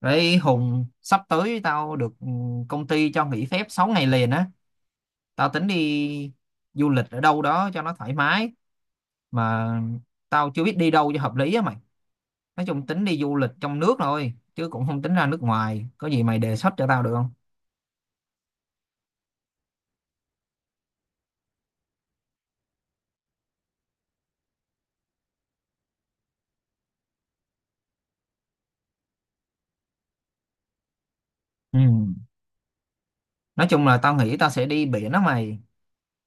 Đấy Hùng, sắp tới tao được công ty cho nghỉ phép 6 ngày liền á. Tao tính đi du lịch ở đâu đó cho nó thoải mái mà tao chưa biết đi đâu cho hợp lý á mày. Nói chung tính đi du lịch trong nước thôi chứ cũng không tính ra nước ngoài. Có gì mày đề xuất cho tao được không? Ừ. Nói chung là tao nghĩ tao sẽ đi biển đó mày.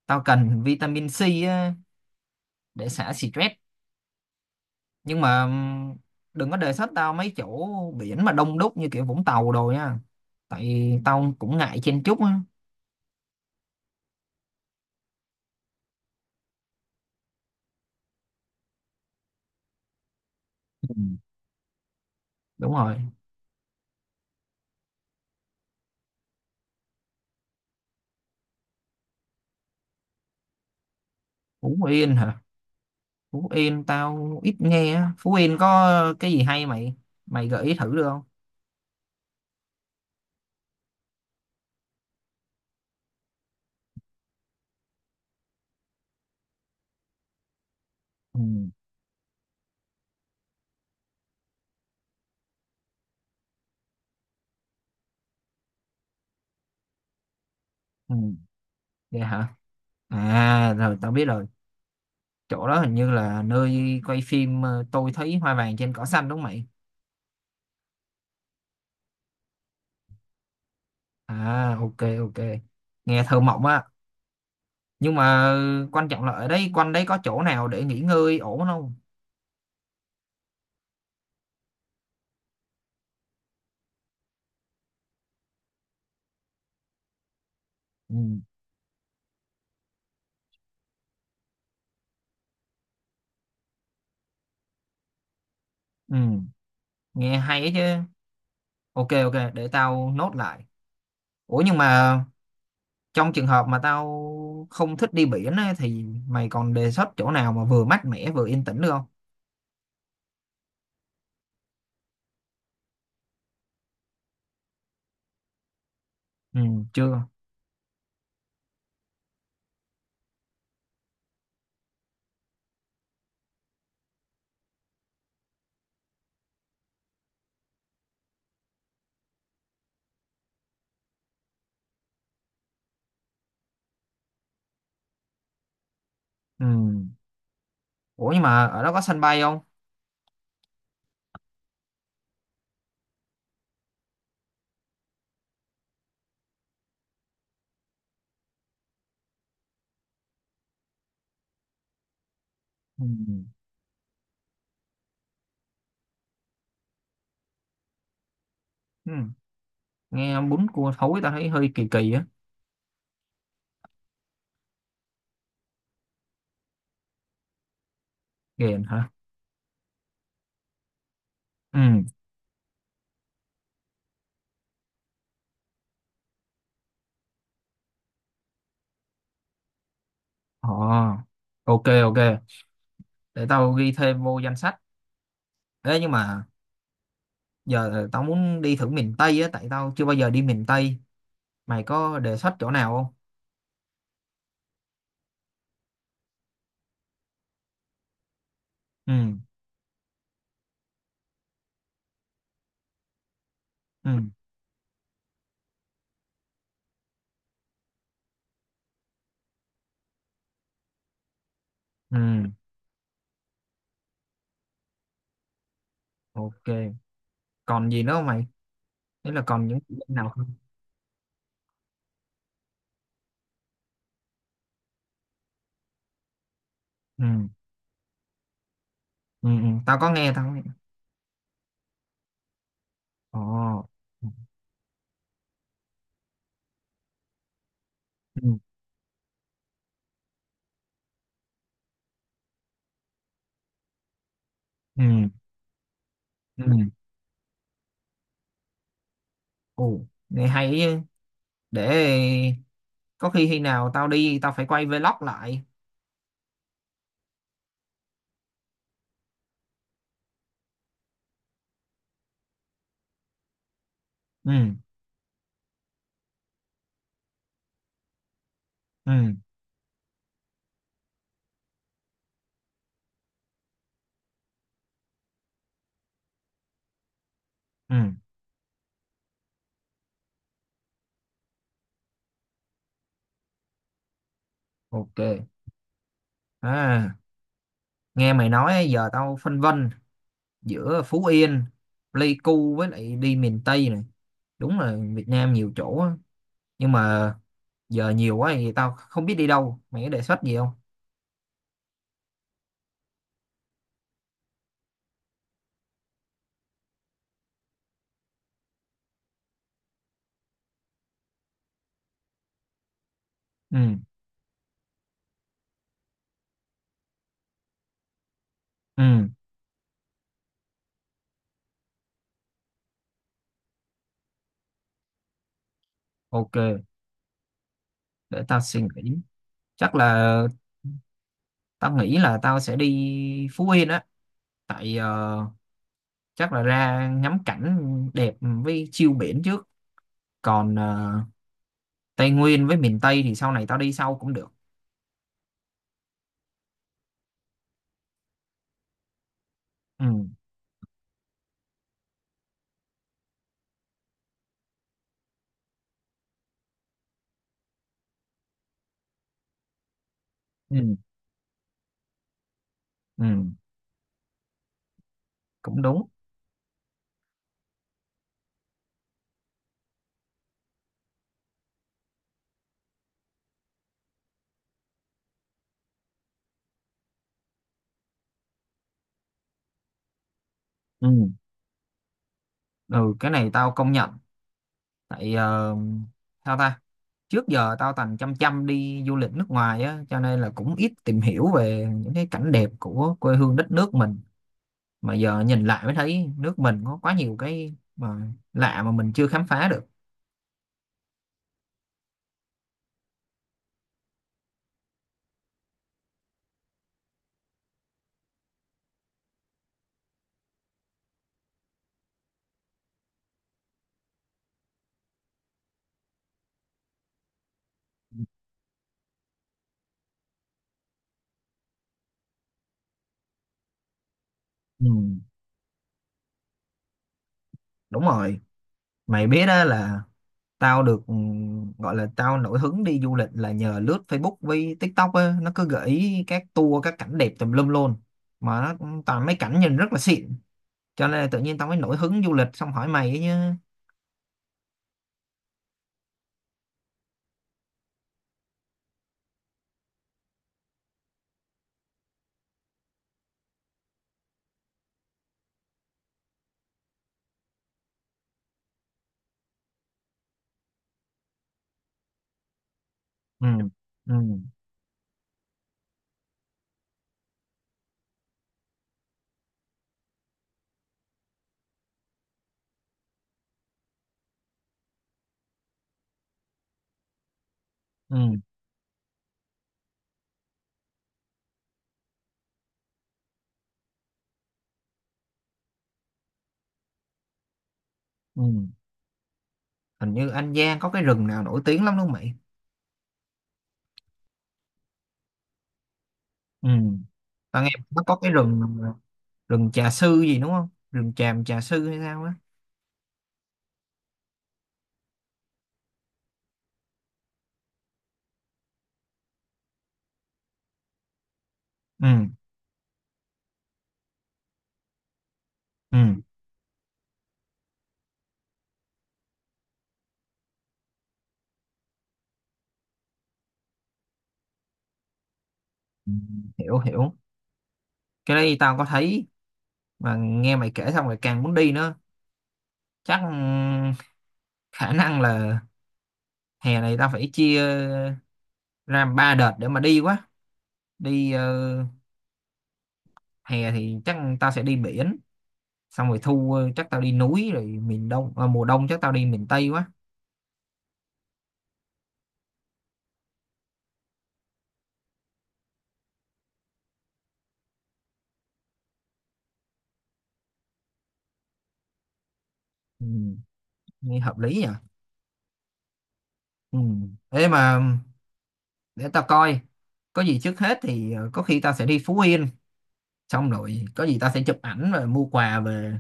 Tao cần vitamin C á, để xả stress. Nhưng mà đừng có đề xuất tao mấy chỗ biển mà đông đúc như kiểu Vũng Tàu đồ nha. Tại tao cũng ngại chen chúc á. Đúng rồi. Phú Yên hả? Phú Yên tao ít nghe á. Phú Yên có cái gì hay mày mày gợi ý thử được không? Ừ, ừ. Vậy hả? À, rồi tao biết rồi, chỗ đó hình như là nơi quay phim Tôi Thấy Hoa Vàng Trên Cỏ Xanh đúng không mày? À, ok, ok, nghe thơ mộng á. Nhưng mà quan trọng là ở đây quanh đấy có chỗ nào để nghỉ ngơi ổn không? Ừ, ừ. Nghe hay ấy chứ. Ok, ok, để tao nốt lại. Ủa nhưng mà trong trường hợp mà tao không thích đi biển á, thì mày còn đề xuất chỗ nào mà vừa mát mẻ vừa yên tĩnh được không? Ừ, chưa. Ừ. Ủa nhưng mà ở đó có sân bay không? Ừ. Ừ. Nghe bún cua thối tao thấy hơi kỳ kỳ á. Ghiền hả? Ừ. Ồ. Ok, ok. Để tao ghi thêm vô danh sách. Ê nhưng mà giờ tao muốn đi thử miền Tây á, tại tao chưa bao giờ đi miền Tây. Mày có đề xuất chỗ nào không? Ừ. Ừ. Ừ. Ok. Còn gì nữa không mày? Thế là còn những chỗ nào không? Ừ. Ừ, ừ. Tao có nghe, tao có nghe. Ồ. Ừ, ừ, ừ. Ồ. Nghe hay ý. Để có khi khi nào tao đi tao phải quay vlog lại. Ừ, ừ, ừ. Ok. À, nghe mày nói á, giờ tao phân vân giữa Phú Yên, Pleiku với lại đi miền Tây này. Đúng là Việt Nam nhiều chỗ á. Nhưng mà giờ nhiều quá thì tao không biết đi đâu, mày có đề xuất gì không? Ừ, ừ. Ok, để tao suy nghĩ. Chắc là tao nghĩ là tao sẽ đi Phú Yên á. Tại chắc là ra ngắm cảnh đẹp với chiêu biển trước. Còn Tây Nguyên với miền Tây thì sau này tao đi sau cũng được. Ừ, ừ, ừ, cũng đúng. Ừ, ừ, cái này tao công nhận. Tại sao ta, trước giờ tao toàn chăm chăm đi du lịch nước ngoài á cho nên là cũng ít tìm hiểu về những cái cảnh đẹp của quê hương đất nước mình. Mà giờ nhìn lại mới thấy nước mình có quá nhiều cái mà lạ mà mình chưa khám phá được. Ừ. Ừ, đúng rồi. Mày biết đó là tao được gọi là tao nổi hứng đi du lịch là nhờ lướt Facebook với TikTok á, nó cứ gợi ý các tour các cảnh đẹp tùm lum luôn. Mà nó cũng toàn mấy cảnh nhìn rất là xịn, cho nên là tự nhiên tao mới nổi hứng du lịch xong hỏi mày ấy nhá. Ừ, ừ, ừ, ừ. Hình như An Giang có cái rừng nào nổi tiếng lắm đúng không mày? Ừ, tao nghe nó có cái rừng rừng trà sư gì đúng không? Rừng tràm trà sư hay sao á. Ừ, ừ, ừ, hiểu hiểu. Cái đấy tao có thấy, mà nghe mày kể xong rồi càng muốn đi nữa. Chắc khả năng là hè này tao phải chia ra 3 đợt để mà đi quá. Đi hè thì chắc tao sẽ đi biển, xong rồi thu chắc tao đi núi, rồi miền đông mùa đông chắc tao đi miền tây quá. Ừ, nghe hợp lý nhỉ. Ừ. Thế mà để tao coi, có gì trước hết thì có khi tao sẽ đi Phú Yên, xong rồi có gì tao sẽ chụp ảnh rồi mua quà về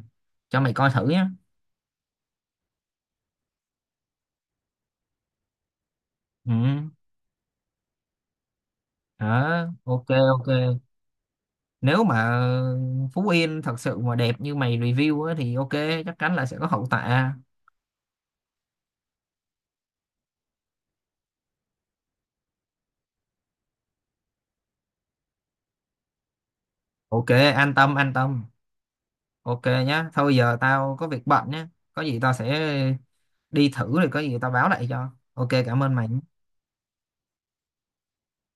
cho mày coi thử nhé. Ừ. Đó, ok. Ok, nếu mà Phú Yên thật sự mà đẹp như mày review á, thì ok, chắc chắn là sẽ có hậu tạ. Ok, an tâm, an tâm. Ok nhá, thôi giờ tao có việc bận nhá, có gì tao sẽ đi thử rồi có gì tao báo lại cho. Ok, cảm ơn mày.